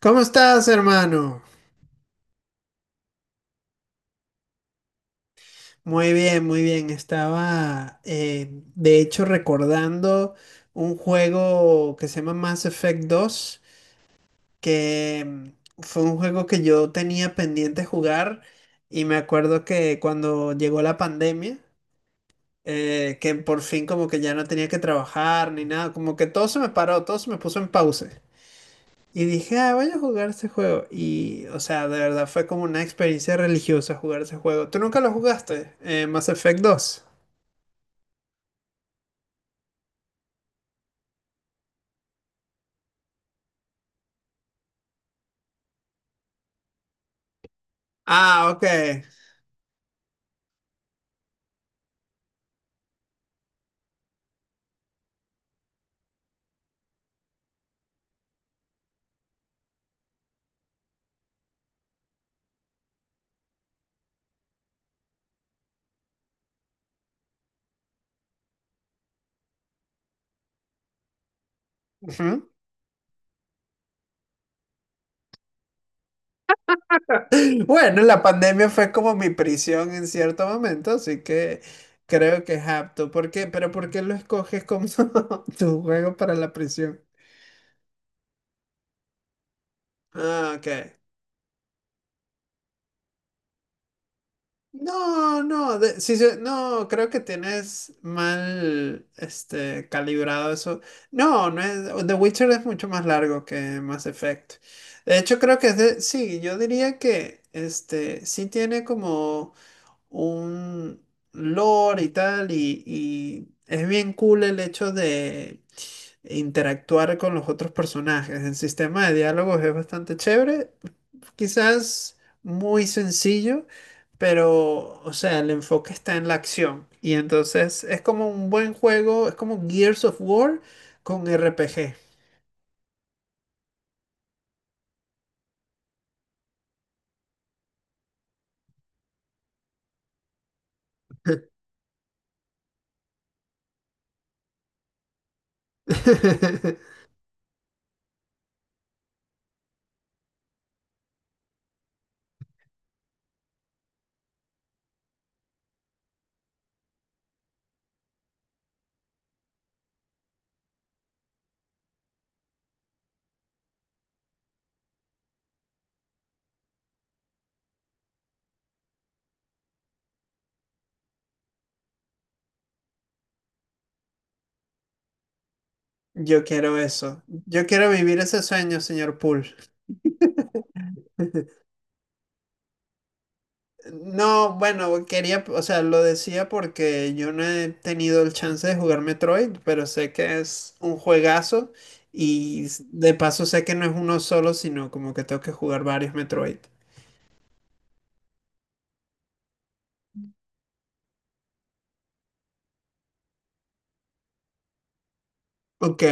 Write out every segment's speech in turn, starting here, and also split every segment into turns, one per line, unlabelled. ¿Cómo estás, hermano? Muy bien, muy bien. Estaba de hecho, recordando un juego que se llama Mass Effect dos, que fue un juego que yo tenía pendiente jugar y me acuerdo que cuando llegó la pandemia, que por fin como que ya no tenía que trabajar ni nada, como que todo se me paró, todo se me puso en pausa. Y dije, ah, voy a jugar ese juego. Y, o sea, de verdad fue como una experiencia religiosa jugar ese juego. ¿Tú nunca lo jugaste? Mass Effect dos. Ah, ok. Ujú. Bueno, la pandemia fue como mi prisión en cierto momento, así que creo que es apto. ¿Por qué? ¿Pero por qué lo escoges como tu juego para la prisión? Ah, ok. No, no, sí, sí, no, creo que tienes mal, este, calibrado eso. No, no es, The Witcher es mucho más largo que Mass Effect. De hecho, creo que es de, sí, yo diría que, este, sí tiene como un lore y tal, y es bien cool el hecho de interactuar con los otros personajes. El sistema de diálogos es bastante chévere. Quizás muy sencillo, pero, o sea, el enfoque está en la acción. Y entonces es como un buen juego, es como Gears of War con RPG. Yo quiero eso. Yo quiero vivir ese sueño, señor Poole. No, bueno, quería, o sea, lo decía porque yo no he tenido el chance de jugar Metroid, pero sé que es un juegazo y de paso sé que no es uno solo, sino como que tengo que jugar varios Metroid. Ok.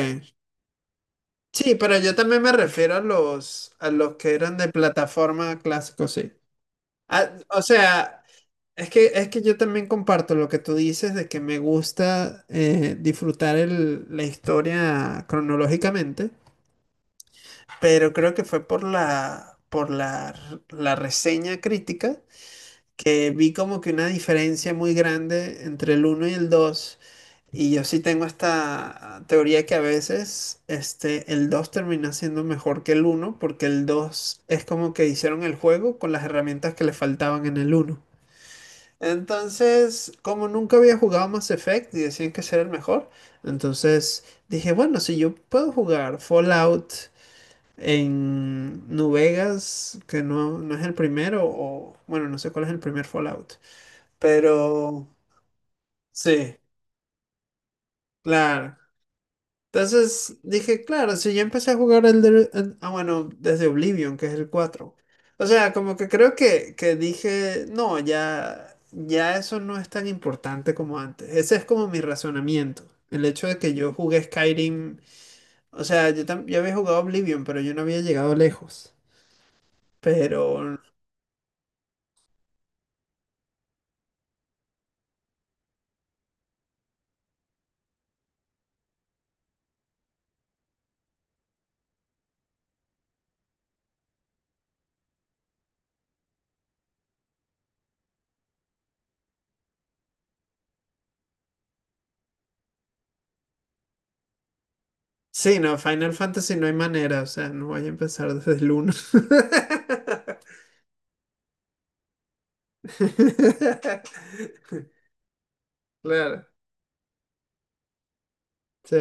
Sí, pero yo también me refiero a los que eran de plataforma clásico, sí. Ah, o sea, es que yo también comparto lo que tú dices de que me gusta disfrutar la historia cronológicamente, pero creo que fue la reseña crítica que vi como que una diferencia muy grande entre el uno y el dos. Y yo sí tengo esta teoría que a veces este, el 2 termina siendo mejor que el uno porque el dos es como que hicieron el juego con las herramientas que le faltaban en el uno. Entonces, como nunca había jugado Mass Effect y decían que ese era el mejor, entonces dije, bueno, si yo puedo jugar Fallout en New Vegas, que no, no es el primero, o bueno, no sé cuál es el primer Fallout. Pero sí, claro. Entonces dije, claro, si yo empecé a jugar bueno, desde Oblivion, que es el cuatro. O sea, como que creo que dije, no, ya eso no es tan importante como antes. Ese es como mi razonamiento. El hecho de que yo jugué Skyrim, o sea, yo había jugado Oblivion, pero yo no había llegado lejos. Pero sí, no, Final Fantasy no hay manera, o sea, no voy a empezar desde el uno. Claro, sí,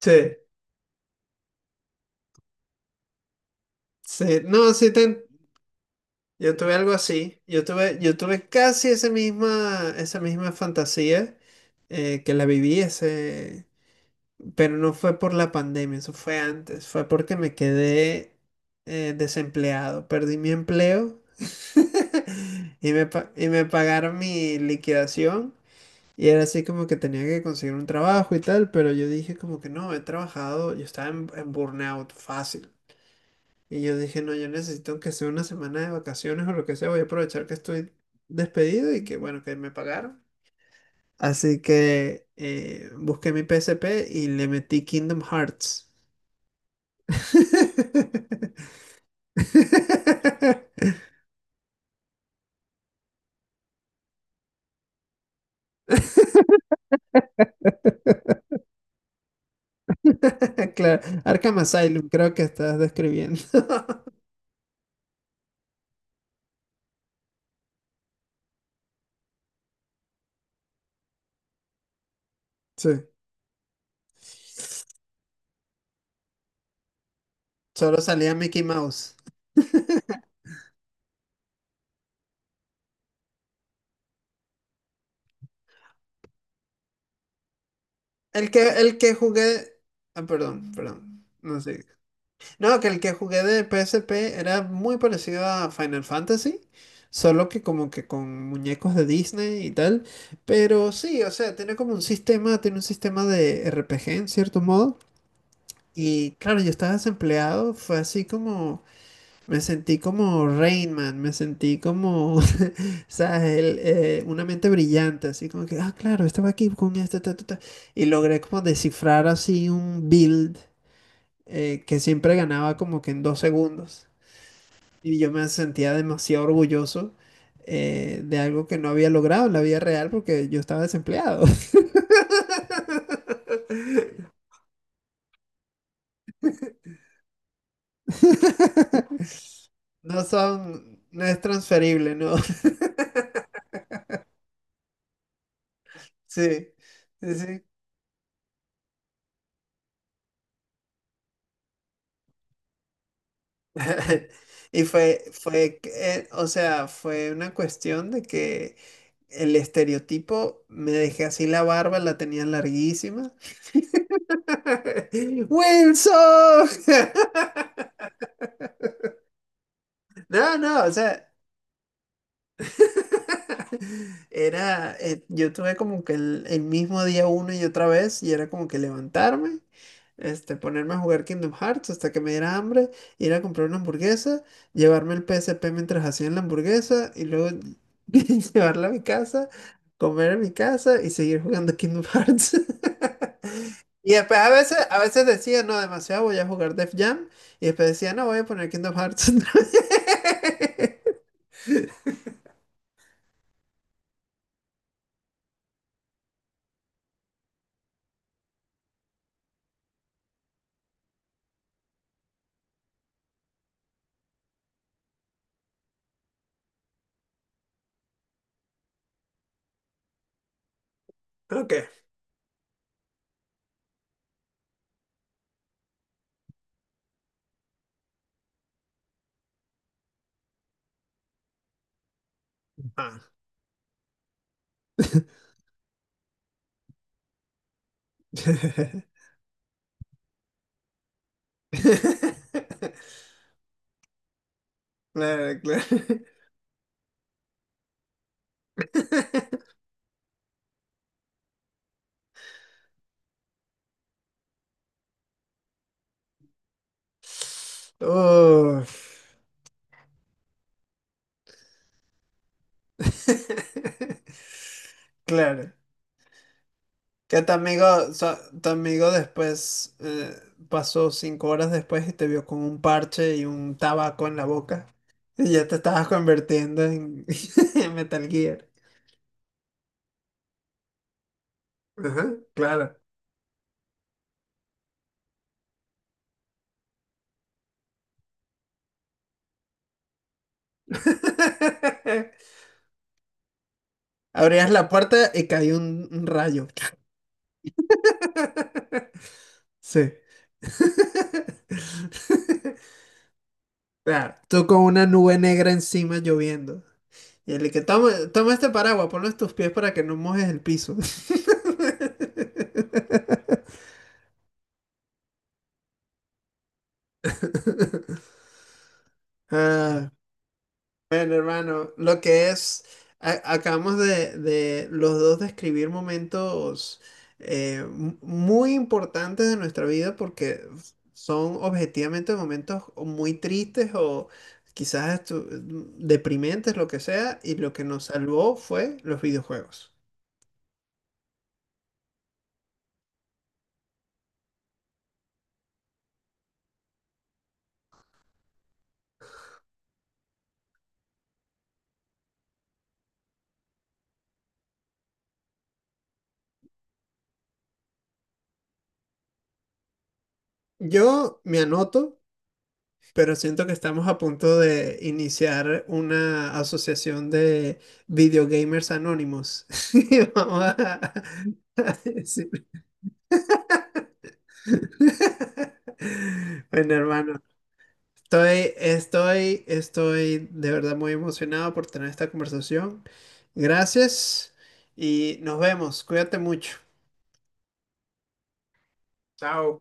sí, sí. No, sí, yo tuve algo así. Yo tuve casi esa misma fantasía que la viví ese, pero no fue por la pandemia, eso fue antes, fue porque me quedé desempleado, perdí mi empleo. Y me, y me pagaron mi liquidación. Y era así como que tenía que conseguir un trabajo y tal, pero yo dije como que no, he trabajado, yo estaba en burnout fácil. Y yo dije, no, yo necesito que sea una semana de vacaciones o lo que sea, voy a aprovechar que estoy despedido y que bueno, que me pagaron. Así que busqué mi PSP y le metí Kingdom Hearts. Claro, Arkham Asylum, creo que estás describiendo. Sí. Solo salía Mickey Mouse. El que jugué. Ah, perdón, perdón. No sé. No, que el que jugué de PSP era muy parecido a Final Fantasy. Solo que como que con muñecos de Disney y tal. Pero sí, o sea, tiene como un sistema, tiene un sistema de RPG en cierto modo. Y claro, yo estaba desempleado. Fue así como. Me sentí como Rainman, me sentí como, ¿sabes? El, una mente brillante, así como que, ah, claro, estaba aquí con este, ta, ta, ta". Y logré como descifrar así un build que siempre ganaba como que en dos segundos. Y yo me sentía demasiado orgulloso de algo que no había logrado en la vida real porque yo estaba desempleado. No son, no es transferible, ¿no? Sí, sí, sí. Y o sea, fue una cuestión de que el estereotipo, me dejé así la barba, la tenía larguísima. ¡Wilson! No, no, o sea, era, yo tuve como que el mismo día una y otra vez y era como que levantarme, este, ponerme a jugar Kingdom Hearts hasta que me diera hambre, ir a comprar una hamburguesa, llevarme el PSP mientras hacían la hamburguesa y luego llevarla a mi casa, comer en mi casa y seguir jugando Kingdom Hearts. Y después a veces decía, no, demasiado, voy a jugar Def Jam y después decía, no, voy a poner Kingdom Hearts otra vez". Ok. Ah. Claro, claro. Oh. Claro. Que tu amigo, tu amigo después pasó cinco horas después y te vio con un parche y un tabaco en la boca. Y ya te estabas convirtiendo en, en Metal Gear. Ajá, claro. Abrías la puerta y cayó un rayo. Sí. Claro, tú con una nube negra encima lloviendo. Y el que toma, toma este paraguas, ponlo en tus pies para que no mojes el piso. Ah, bueno, hermano, lo que es, acabamos de los dos describir momentos muy importantes de nuestra vida porque son objetivamente momentos o muy tristes o quizás deprimentes, lo que sea, y lo que nos salvó fue los videojuegos. Yo me anoto, pero siento que estamos a punto de iniciar una asociación de videogamers anónimos. Y vamos a decir. Bueno, hermano, estoy de verdad muy emocionado por tener esta conversación. Gracias y nos vemos. Cuídate mucho. Chao.